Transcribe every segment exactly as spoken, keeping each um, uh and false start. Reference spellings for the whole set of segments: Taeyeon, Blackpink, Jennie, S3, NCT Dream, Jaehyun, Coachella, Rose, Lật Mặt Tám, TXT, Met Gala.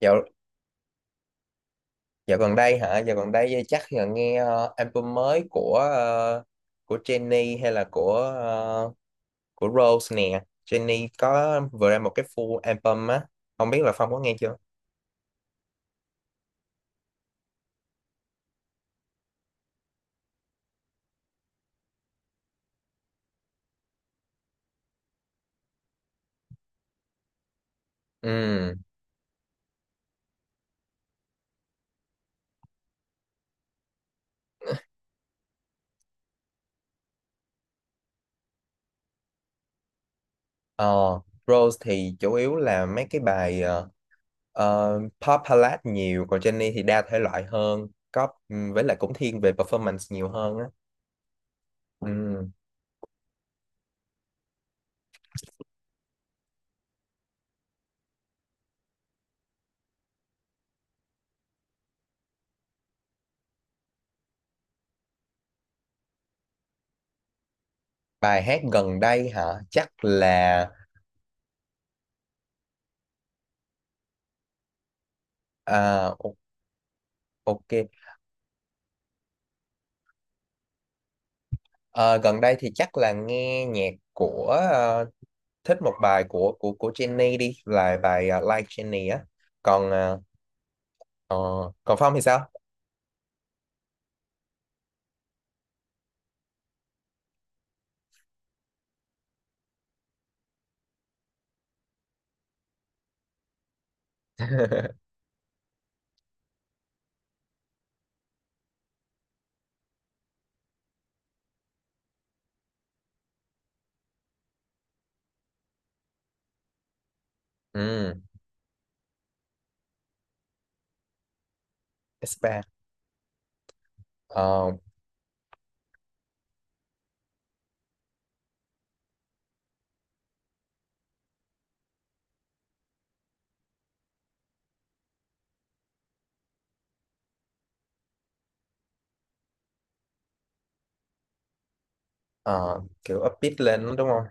Dạo, dạo gần đây hả? Dạo gần đây chắc là nghe ờ, album mới của ờ, của Jennie hay là của ờ, của Rose nè. Jennie có vừa ra một cái full album á. Không biết là Phong có nghe chưa? Ừ. Ờ, Rose thì chủ yếu là mấy cái bài ờ, ờ, pop ballad nhiều, còn Jennie thì đa thể loại hơn, có ừm, với lại cũng thiên về performance nhiều hơn á. Ừ. Bài hát gần đây hả? Chắc là à, o- ok. Ờ, Gần đây thì chắc là nghe nhạc của ờ, thích một bài của của của Jenny đi, là bài ờ, Like Jenny á. Còn ờ, ờ, còn Phong thì sao? Ừ, ét ba, ờ, ờ, kiểu upbeat lên đúng không?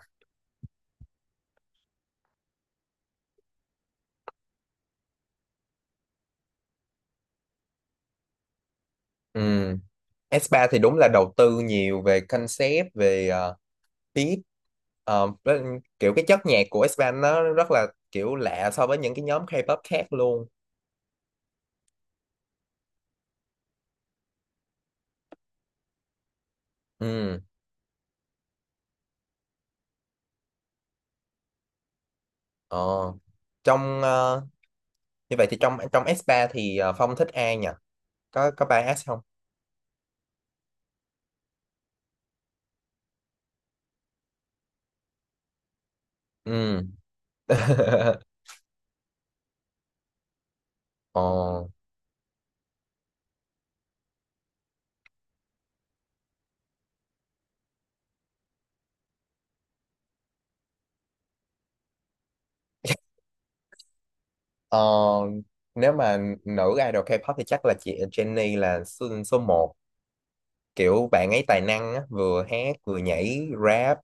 Ừ. S three thì đúng là đầu tư nhiều về concept, về ờ, beat. Ờ, với- Kiểu cái chất nhạc của ét ba nó rất là kiểu lạ so với những cái nhóm K-pop khác luôn. Ừ. Ờ. Trong ờ, Như vậy thì trong trong ét ba thì ờ, Phong thích ai nhỉ? Có có ba ét không? Ừ. Ờ, ờ, Nếu mà nữ idol K-pop thì chắc là chị Jennie là số, số một. Kiểu bạn ấy tài năng á, vừa hát, vừa nhảy, rap,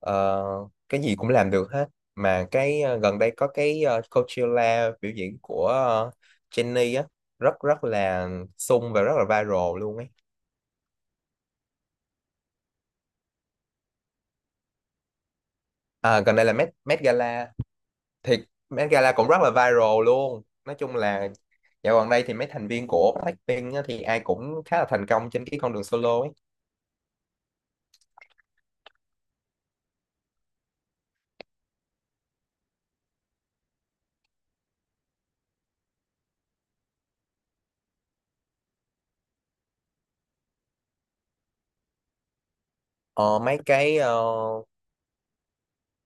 ờ, cái gì cũng làm được hết. Mà cái, ờ, gần đây có cái, ờ, Coachella biểu diễn của ờ, Jennie á, rất rất là sung và rất là viral luôn ấy. À, gần đây là Met, Met Gala, thì Met Gala cũng rất là viral luôn. Nói chung là dạo gần đây thì mấy thành viên của Blackpink á, thì ai cũng khá là thành công trên cái con đường solo ấy. ờ, Mấy cái, ờ,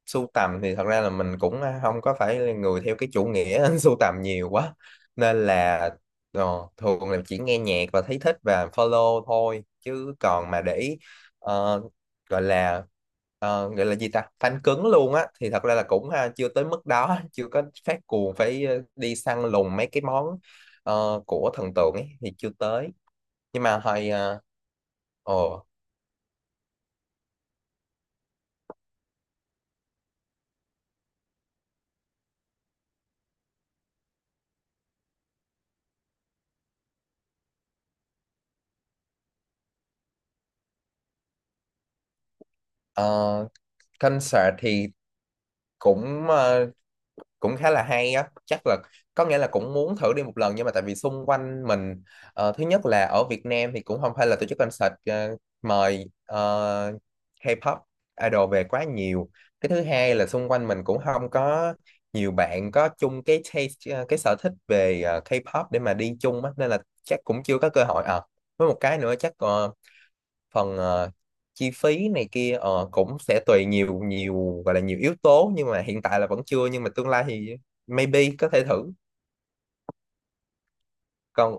sưu tầm thì thật ra là mình cũng không có phải là người theo cái chủ nghĩa sưu tầm nhiều quá, nên là ờ, thường là chỉ nghe nhạc và thấy thích và follow thôi, chứ còn mà để ý, ờ, gọi là ờ, gọi là gì ta, fan cứng luôn á, thì thật ra là cũng ha, chưa tới mức đó. Chưa có phát cuồng phải ờ, đi săn lùng mấy cái món ờ, của thần tượng ấy thì chưa tới. Nhưng mà hồi ờ, ồ ờ, Concert thì cũng ờ, cũng khá là hay á, chắc là có nghĩa là cũng muốn thử đi một lần, nhưng mà tại vì xung quanh mình ờ, thứ nhất là ở Việt Nam thì cũng không phải là tổ chức concert ờ, mời ờ, K-pop idol về quá nhiều. Cái thứ hai là xung quanh mình cũng không có nhiều bạn có chung cái taste, ờ, cái sở thích về ờ, K-pop để mà đi chung á, nên là chắc cũng chưa có cơ hội à. Với một cái nữa chắc ờ, phần ờ, chi phí này kia ờ, cũng sẽ tùy nhiều, nhiều gọi là nhiều yếu tố, nhưng mà hiện tại là vẫn chưa, nhưng mà tương lai thì maybe có thể thử. Còn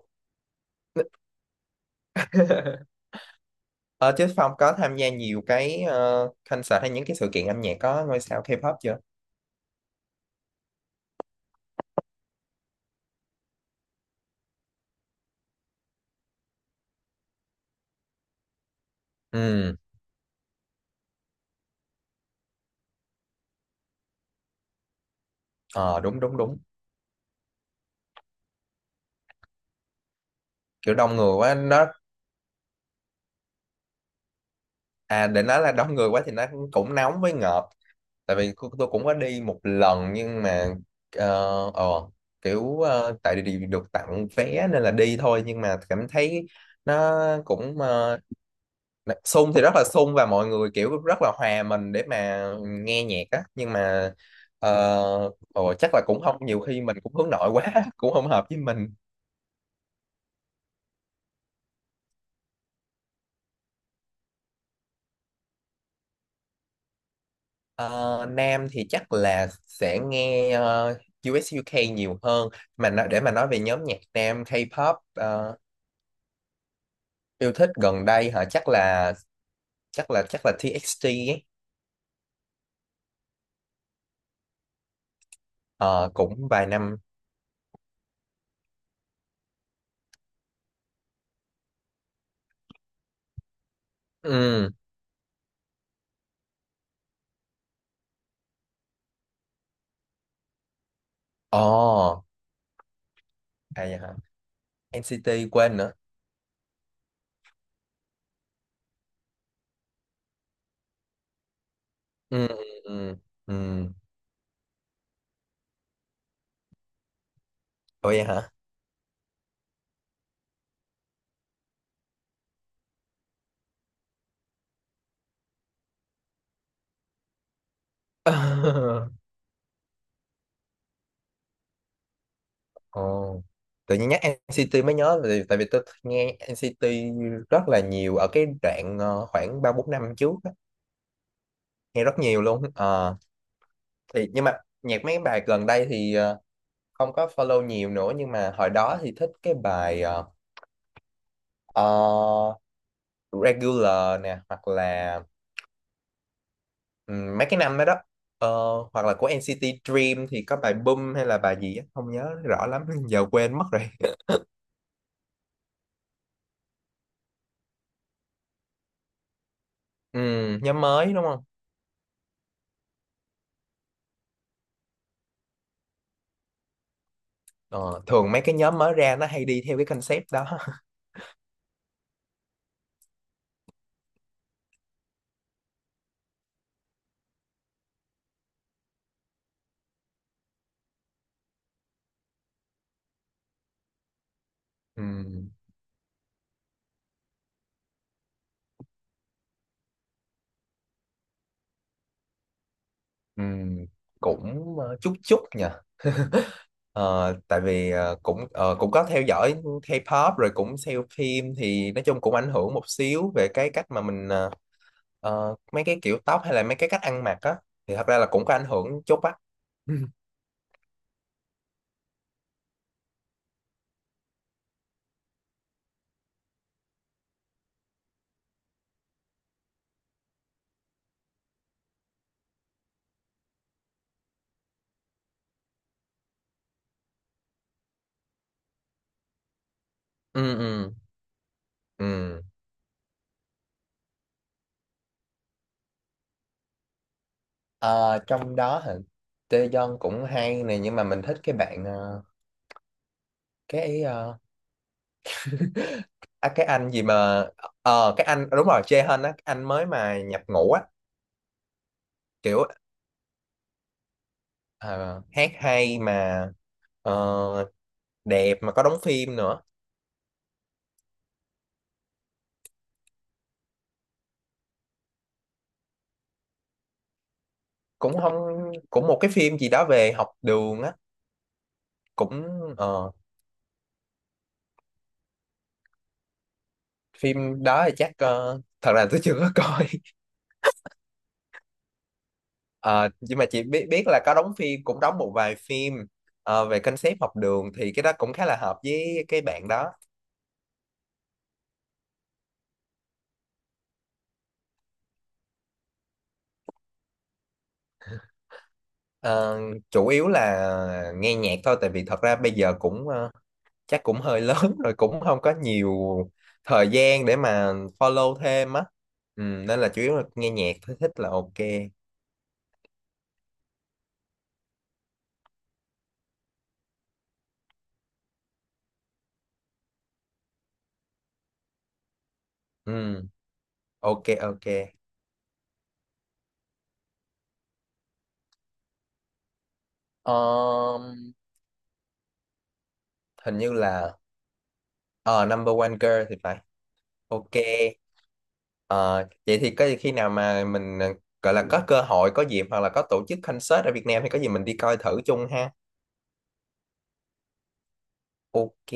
ờ, chứ Phong có tham gia nhiều cái ờ, concert hay những cái sự kiện âm nhạc có ngôi sao K-pop chưa? Ừ. ờ Đúng, đúng, đúng. Kiểu đông người quá nó, à, để nói là đông người quá thì nó cũng nóng với ngợp. Tại vì cô- tôi cũng có đi một lần, nhưng mà ờ ờ, kiểu, ờ, tại vì được tặng vé nên là đi thôi, nhưng mà cảm thấy nó cũng, ờ, sung thì rất là sung và mọi người kiểu rất là hòa mình để mà nghe nhạc á, nhưng mà ờ, ờ, chắc là cũng không, nhiều khi mình cũng hướng nội quá cũng không hợp với mình. Ờ, Nam thì chắc là sẽ nghe ờ, u S u K nhiều hơn. Mà nó, để mà nói về nhóm nhạc Nam K-pop ờ, yêu thích gần đây hả, chắc là chắc là chắc là T X T ấy. Ờ, cũng vài năm. Ừ. Ồ. À, vậy hả? en xê tê quên nữa. Ừ, ừ, ừ, ừ. Ủa, vậy hả? Ồ, tự nhiên nhắc N C T mới nhớ, tại tại vì tôi nghe N C T rất là nhiều ở cái đoạn, ờ, khoảng ba bốn năm trước á. Nghe rất nhiều luôn. Ờ, thì nhưng mà nhạc mấy bài gần đây thì ờ, không có follow nhiều nữa, nhưng mà hồi đó thì thích cái bài ờ, ờ, Regular nè, hoặc là ừm, mấy cái năm đó đó. Ờ, Hoặc là của en xê tê Dream thì có bài Boom hay là bài gì á, không nhớ rõ lắm, giờ quên mất rồi. Ừm, nhóm mới đúng không? Ờ, Thường mấy cái nhóm mới ra nó hay đi theo cái concept đó. Ừm, ừm, cũng ờ, chút chút nhỉ. Ờ, Tại vì ờ, cũng, ờ, cũng có theo dõi K-pop rồi cũng xem phim, thì nói chung cũng ảnh hưởng một xíu về cái cách mà mình, ờ, Ờ, mấy cái kiểu tóc hay là mấy cái cách ăn mặc á, thì thật ra là cũng có ảnh hưởng chút á. Ừ, ừ, ừ, ừ. Ờ, Trong đó hả? Taeyeon cũng hay này, nhưng mà mình thích cái bạn, ờ, cái ờ, à, cái anh gì mà, ờ cái anh đúng rồi, Jaehyun á, cái anh mới mà nhập ngũ á, kiểu ờ, hát hay mà ờ, đẹp mà có đóng phim nữa. Cũng không, cũng một cái phim gì đó về học đường á, cũng, ờ, phim đó thì chắc ờ, thật là tôi chưa có coi. Ờ, nhưng mà chị biết biết là có đóng phim, cũng đóng một vài phim ờ, về concept học đường, thì cái đó cũng khá là hợp với cái bạn đó. Ờ, Chủ yếu là nghe nhạc thôi, tại vì thật ra bây giờ cũng, ờ, chắc cũng hơi lớn rồi cũng không có nhiều thời gian để mà follow thêm á. Ừ, nên là chủ yếu là nghe nhạc thôi, thích là ok. Ừ, ok. Ok. Ờm, Hình như là, ờ, number one girl thì phải. Ok. Ờ, Vậy thì có khi nào mà mình, ờ, gọi là có cơ hội, có dịp hoặc là có tổ chức concert ở Việt Nam thì có gì mình đi coi thử chung ha. Ok.